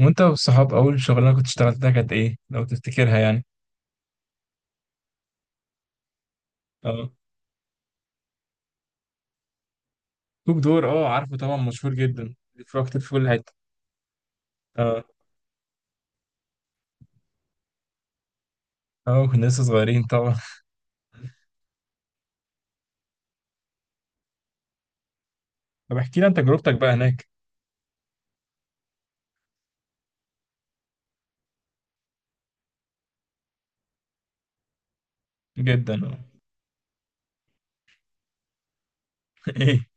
وانت والصحاب اول شغلانه كنت اشتغلتها كانت ايه لو تفتكرها يعني؟ اه. كوك دور، اه، عارفه طبعا، مشهور جدا بيتواجد في كل حته. اه اه، كنا لسه صغيرين طبعا. طب احكي لي عن تجربتك بقى هناك. جدا اه. ايه.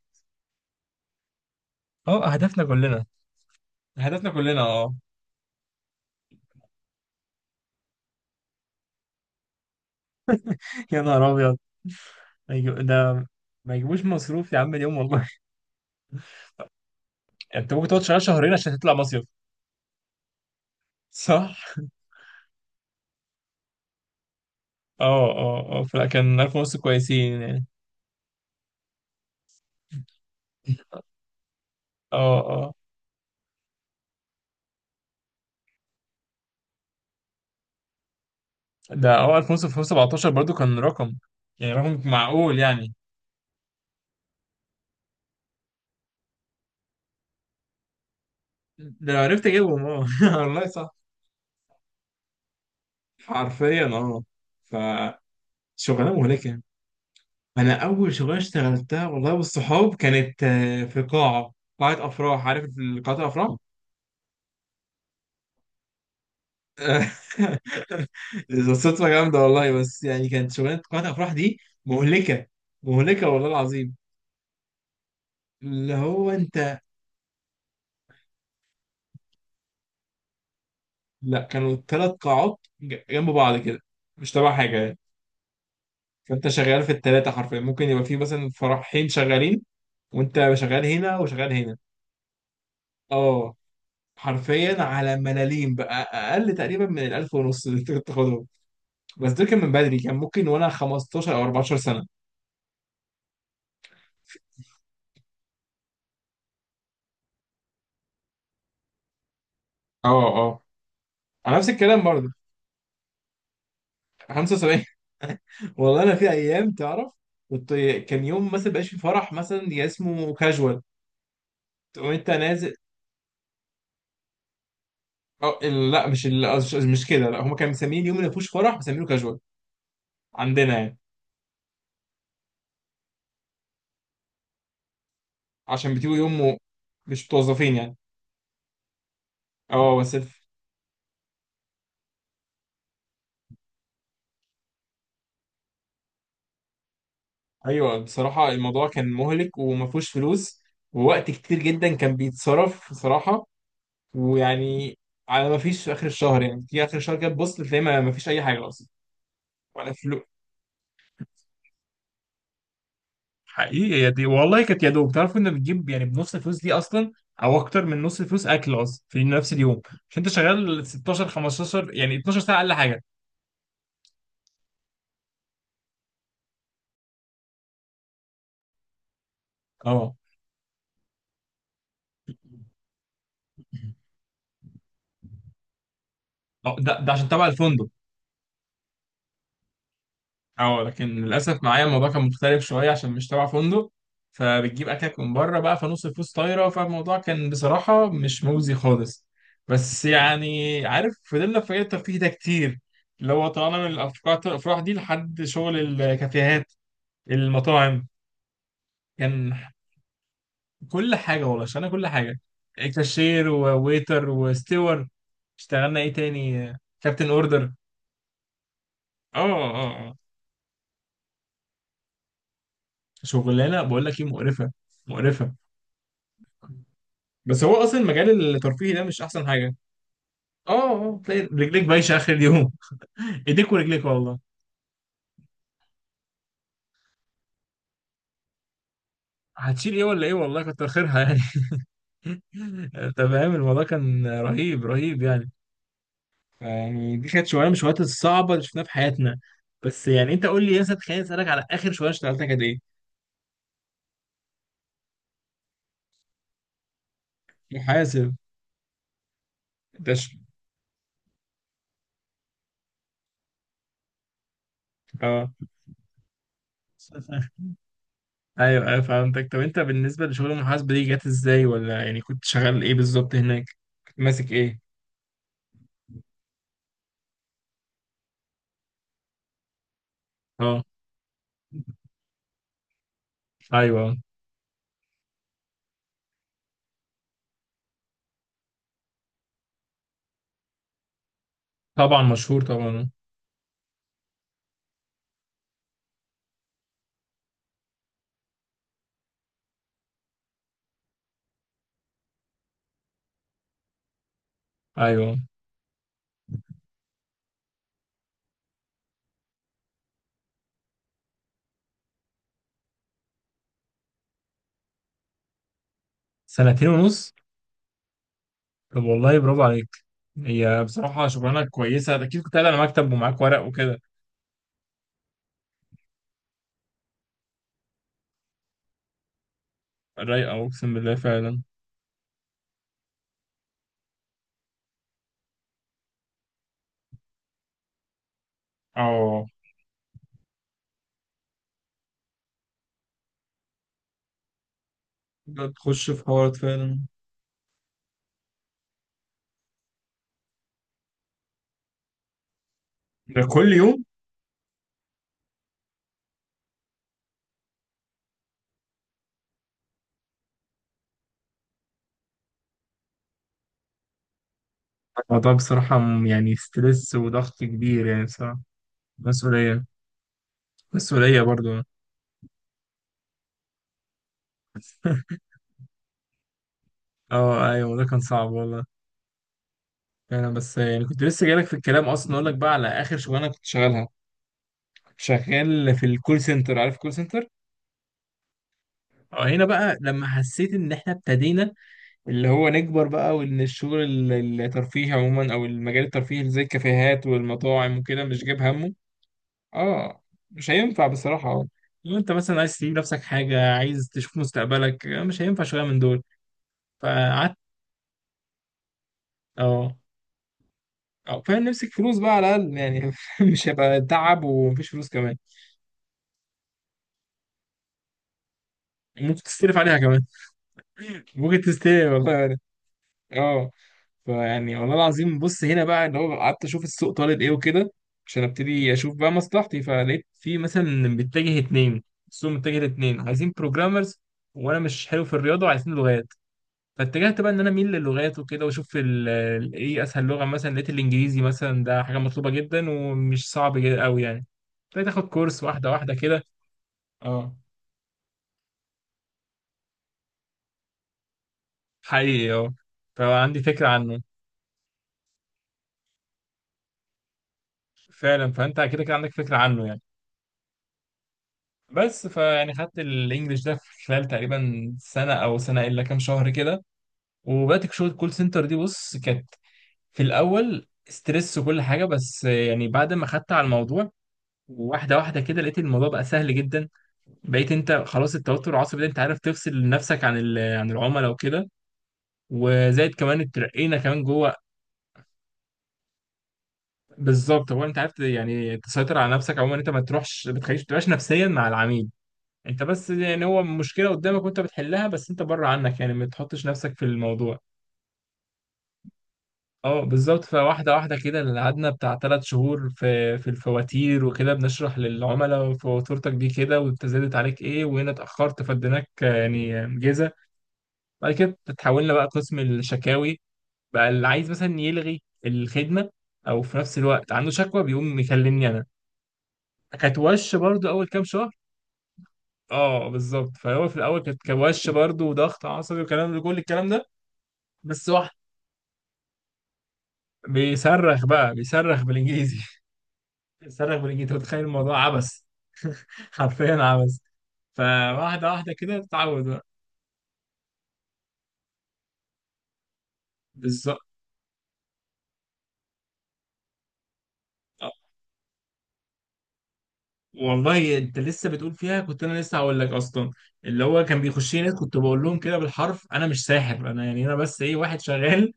اه. اهدافنا كلنا. اهدافنا كلنا، اه. يا نهار ابيض! ما يجيب- ده، ما يجيبوش مصروف يا عم اليوم والله. انت ممكن تقعد شغال شهرين عشان تطلع مصيف. صح. اه اه اه، فلا كان 1000 ونص كويسين يعني. اه اه، ده اه 1000 ونص في 2017 برضو كان رقم، يعني رقم معقول يعني. لو عرفت اجيبهم اه، والله صح. حرفيا اه. فشغلانه مهلكه. انا اول شغلانه اشتغلتها والله بالصحاب كانت في قاعه، قاعه افراح عارف، قاعه الافراح. ده صدفه جامده والله، بس يعني كانت شغلانه قاعه الافراح دي مهلكه، مهلكه والله العظيم. اللي هو انت. لا كانوا 3 قاعات جنب بعض كده، مش تبع حاجه يعني. فانت شغال في الثلاثه حرفيا، ممكن يبقى في مثلا فرحين شغالين وانت شغال هنا وشغال هنا. اه، حرفيا على ملاليم بقى اقل تقريبا من الالف ونص اللي انت كنت تاخدهم، بس دول كان من بدري، كان ممكن وانا 15 او 14 سنه. اه اه، على نفس الكلام برضه. 75. والله انا في ايام تعرف كنت. كان يوم مثلا بقاش في فرح مثلا، يا اسمه كاجوال، تقوم انت نازل. أو لا، مش مش كده، لا هم كانوا مسميين يوم اللي ما فيهوش فرح مسمينه كاجوال عندنا يعني. عشان بتيجوا يوم مش متوظفين يعني. اه بس. ايوه بصراحه الموضوع كان مهلك، وما فيهوش فلوس ووقت كتير جدا كان بيتصرف بصراحه. ويعني على ما فيش في اخر الشهر، يعني في اخر الشهر كده تبص تلاقي ما فيش اي حاجه اصلا، ولا فلوس. حقيقي، يا دي والله كانت يا دوب، تعرف كنا بنجيب يعني بنص الفلوس دي اصلا، او اكتر من نص الفلوس اكل اصلا في نفس اليوم، عشان انت شغال 16 15 يعني 12 ساعه اقل حاجه. اه. ده عشان تبع الفندق. اه لكن للاسف معايا الموضوع كان مختلف شويه عشان مش تبع فندق، فبتجيب اكلك من بره بقى، فنص الفلوس طايره، فالموضوع كان بصراحه مش مجزي خالص. بس يعني عارف فضلنا في الترفيه ده كتير، اللي هو طلعنا من الافكار الافراح دي لحد شغل الكافيهات، المطاعم. كان، كل حاجه والله اشتغلنا كل حاجه، كاشير وويتر وستيور. اشتغلنا ايه تاني، كابتن اوردر. اه اه اه. شغلانه بقول لك ايه، مقرفه، مقرفه. بس هو اصلا المجال الترفيهي ده مش احسن حاجه. اه اه، تلاقي رجليك بايشه اخر اليوم. ايديك ورجليك والله. هتشيل ايه ولا ايه والله، كتر خيرها يعني. انت فاهم الموضوع كان رهيب، رهيب يعني، يعني دي كانت شغلانه من الشغلات الصعبه اللي شفناها في حياتنا. بس يعني انت قول لي يا سيد، خليني اسالك على اخر شغلانه اشتغلتها كانت ايه؟ محاسب. ده ش- اه. ايوه ايوه فهمتك، طب انت بالنسبه لشغل المحاسبه دي جت ازاي، ولا يعني كنت شغال ايه بالظبط هناك؟ كنت ماسك ايه؟ اه ايوه. طبعا مشهور طبعا. ايوه. سنتين ونص. طب والله برافو عليك، هي بصراحة شغلانة كويسة أكيد كنت قاعد على مكتب ومعاك ورق وكده. رايقة أقسم بالله فعلا. اه. ده تخش في حوارات فعلا. ده كل يوم. الموضوع بصراحة يعني ستريس وضغط كبير يعني بصراحة. مسؤولية، مسؤولية برضو. اه ايوه ده كان صعب والله فعلا، بس يعني كنت لسه جايلك في الكلام اصلا اقول لك بقى على اخر شغلانه كنت شغالها، شغال في الكول سنتر، عارف الكول سنتر؟ اه، هنا بقى لما حسيت ان احنا ابتدينا، اللي هو نكبر بقى، وان الشغل الترفيهي عموما او المجال الترفيهي اللي زي الكافيهات والمطاعم وكده مش جايب همه. اه، مش هينفع بصراحة، اه لو انت مثلا عايز تجيب نفسك حاجة عايز تشوف مستقبلك مش هينفع شوية من دول. فقعدت، اه، اه فاهم نمسك فلوس بقى على الأقل يعني، مش هيبقى تعب ومفيش فلوس كمان. ممكن تستلف عليها كمان. ممكن تستلف والله. اه. فيعني والله العظيم، بص هنا بقى اللي هو قعدت اشوف السوق طالب ايه وكده عشان ابتدي اشوف بقى مصلحتي، فلقيت في مثلا إن متجه اتنين، السوق متجه لاتنين عايزين بروجرامرز، وانا مش حلو في الرياضه وعايزين لغات. فاتجهت بقى ان انا اميل للغات وكده، واشوف ايه اسهل لغه، مثلا لقيت الانجليزي مثلا ده حاجه مطلوبه جدا ومش صعب جدا قوي يعني. ابتديت اخد كورس، واحده واحده كده. اه حقيقي اه. فعندي فكره عنه، فعلا، فانت كده كده عندك فكره عنه يعني. بس فيعني خدت الانجليش ده في خلال تقريبا سنه او سنه الا كام شهر كده، وبدات شغل الكول سنتر دي، بص كانت في الاول ستريس وكل حاجه، بس يعني بعد ما خدت على الموضوع واحده واحده كده لقيت الموضوع بقى سهل جدا. بقيت انت خلاص التوتر العصبي ده انت عارف تفصل نفسك عن عن العملاء وكده، وزائد كمان اترقينا كمان جوه. بالظبط هو انت عارف يعني تسيطر على نفسك عموما، انت ما تروحش ما تخليش ما تبقاش نفسيا مع العميل، انت بس يعني هو مشكله قدامك وانت بتحلها، بس انت بره عنك يعني ما تحطش نفسك في الموضوع. اه بالظبط، فواحده واحده كده، اللي قعدنا بتاع 3 شهور في الفواتير وكده بنشرح للعملاء فواتورتك دي كده وانت زادت عليك ايه، وهنا اتاخرت فاديناك يعني جيزه. بعد كده اتحولنا بقى قسم الشكاوي، بقى اللي عايز مثلا يلغي الخدمه او في نفس الوقت عنده شكوى بيقوم يكلمني انا. كانت وش برضو اول كام شهر. اه بالظبط، فهو في الاول كانت كان وش برضه وضغط عصبي وكلام كل الكلام ده. بس واحد، بيصرخ بقى، بيصرخ بالانجليزي. بيصرخ بالانجليزي، أنت متخيل الموضوع عبث، حرفيا عبث. فواحده واحده كده تتعود بقى. بالظبط. آه. والله انت لسه بتقول فيها كنت انا لسه هقول لك اصلا، اللي هو كان بيخش لي ناس، كنت بقول لهم كده بالحرف انا مش ساحر، انا يعني انا بس ايه، واحد شغال،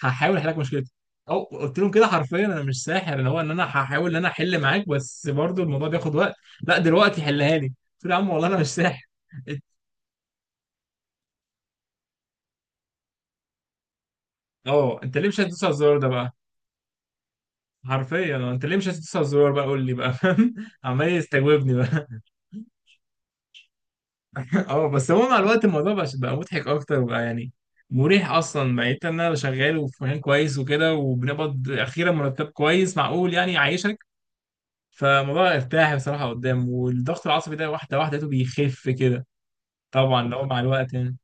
هحاول احل لك مشكلتي. او قلت لهم كده حرفيا انا مش ساحر، اللي هو ان انا هحاول ان انا احل معاك، بس برضو الموضوع بياخد وقت، لا دلوقتي حلها لي، قلت له يا عم والله انا مش ساحر. اه، انت ليه مش هتدوس على الزرار ده بقى. حرفيا انت ليه مش هتدوس على الزرار بقى، قول لي بقى فاهم، عمال يستجوبني بقى. اه بس هو مع الوقت الموضوع بقى مضحك اكتر بقى يعني، مريح اصلا بقيت ان انا شغال وفي مكان كويس وكده وبنقبض اخيرا مرتب كويس معقول يعني يعيشك. فالموضوع ارتاح بصراحه قدام، والضغط العصبي ده واحده واحده لقيته بيخف كده، طبعا لو مع الوقت يعني.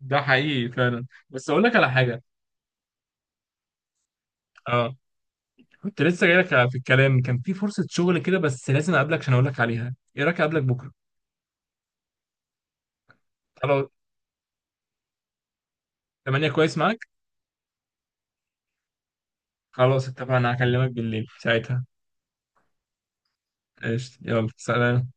ده حقيقي فعلا، بس اقول لك على حاجه، أه، كنت لسه جاي لك في الكلام، كان في فرصة شغل كده بس لازم أقابلك عشان أقول لك عليها، إيه رأيك أقابلك بكرة؟ خلاص، 8 كويس معاك. خلاص اتفقنا، هكلمك بالليل ساعتها. قشطة، يلا سلام.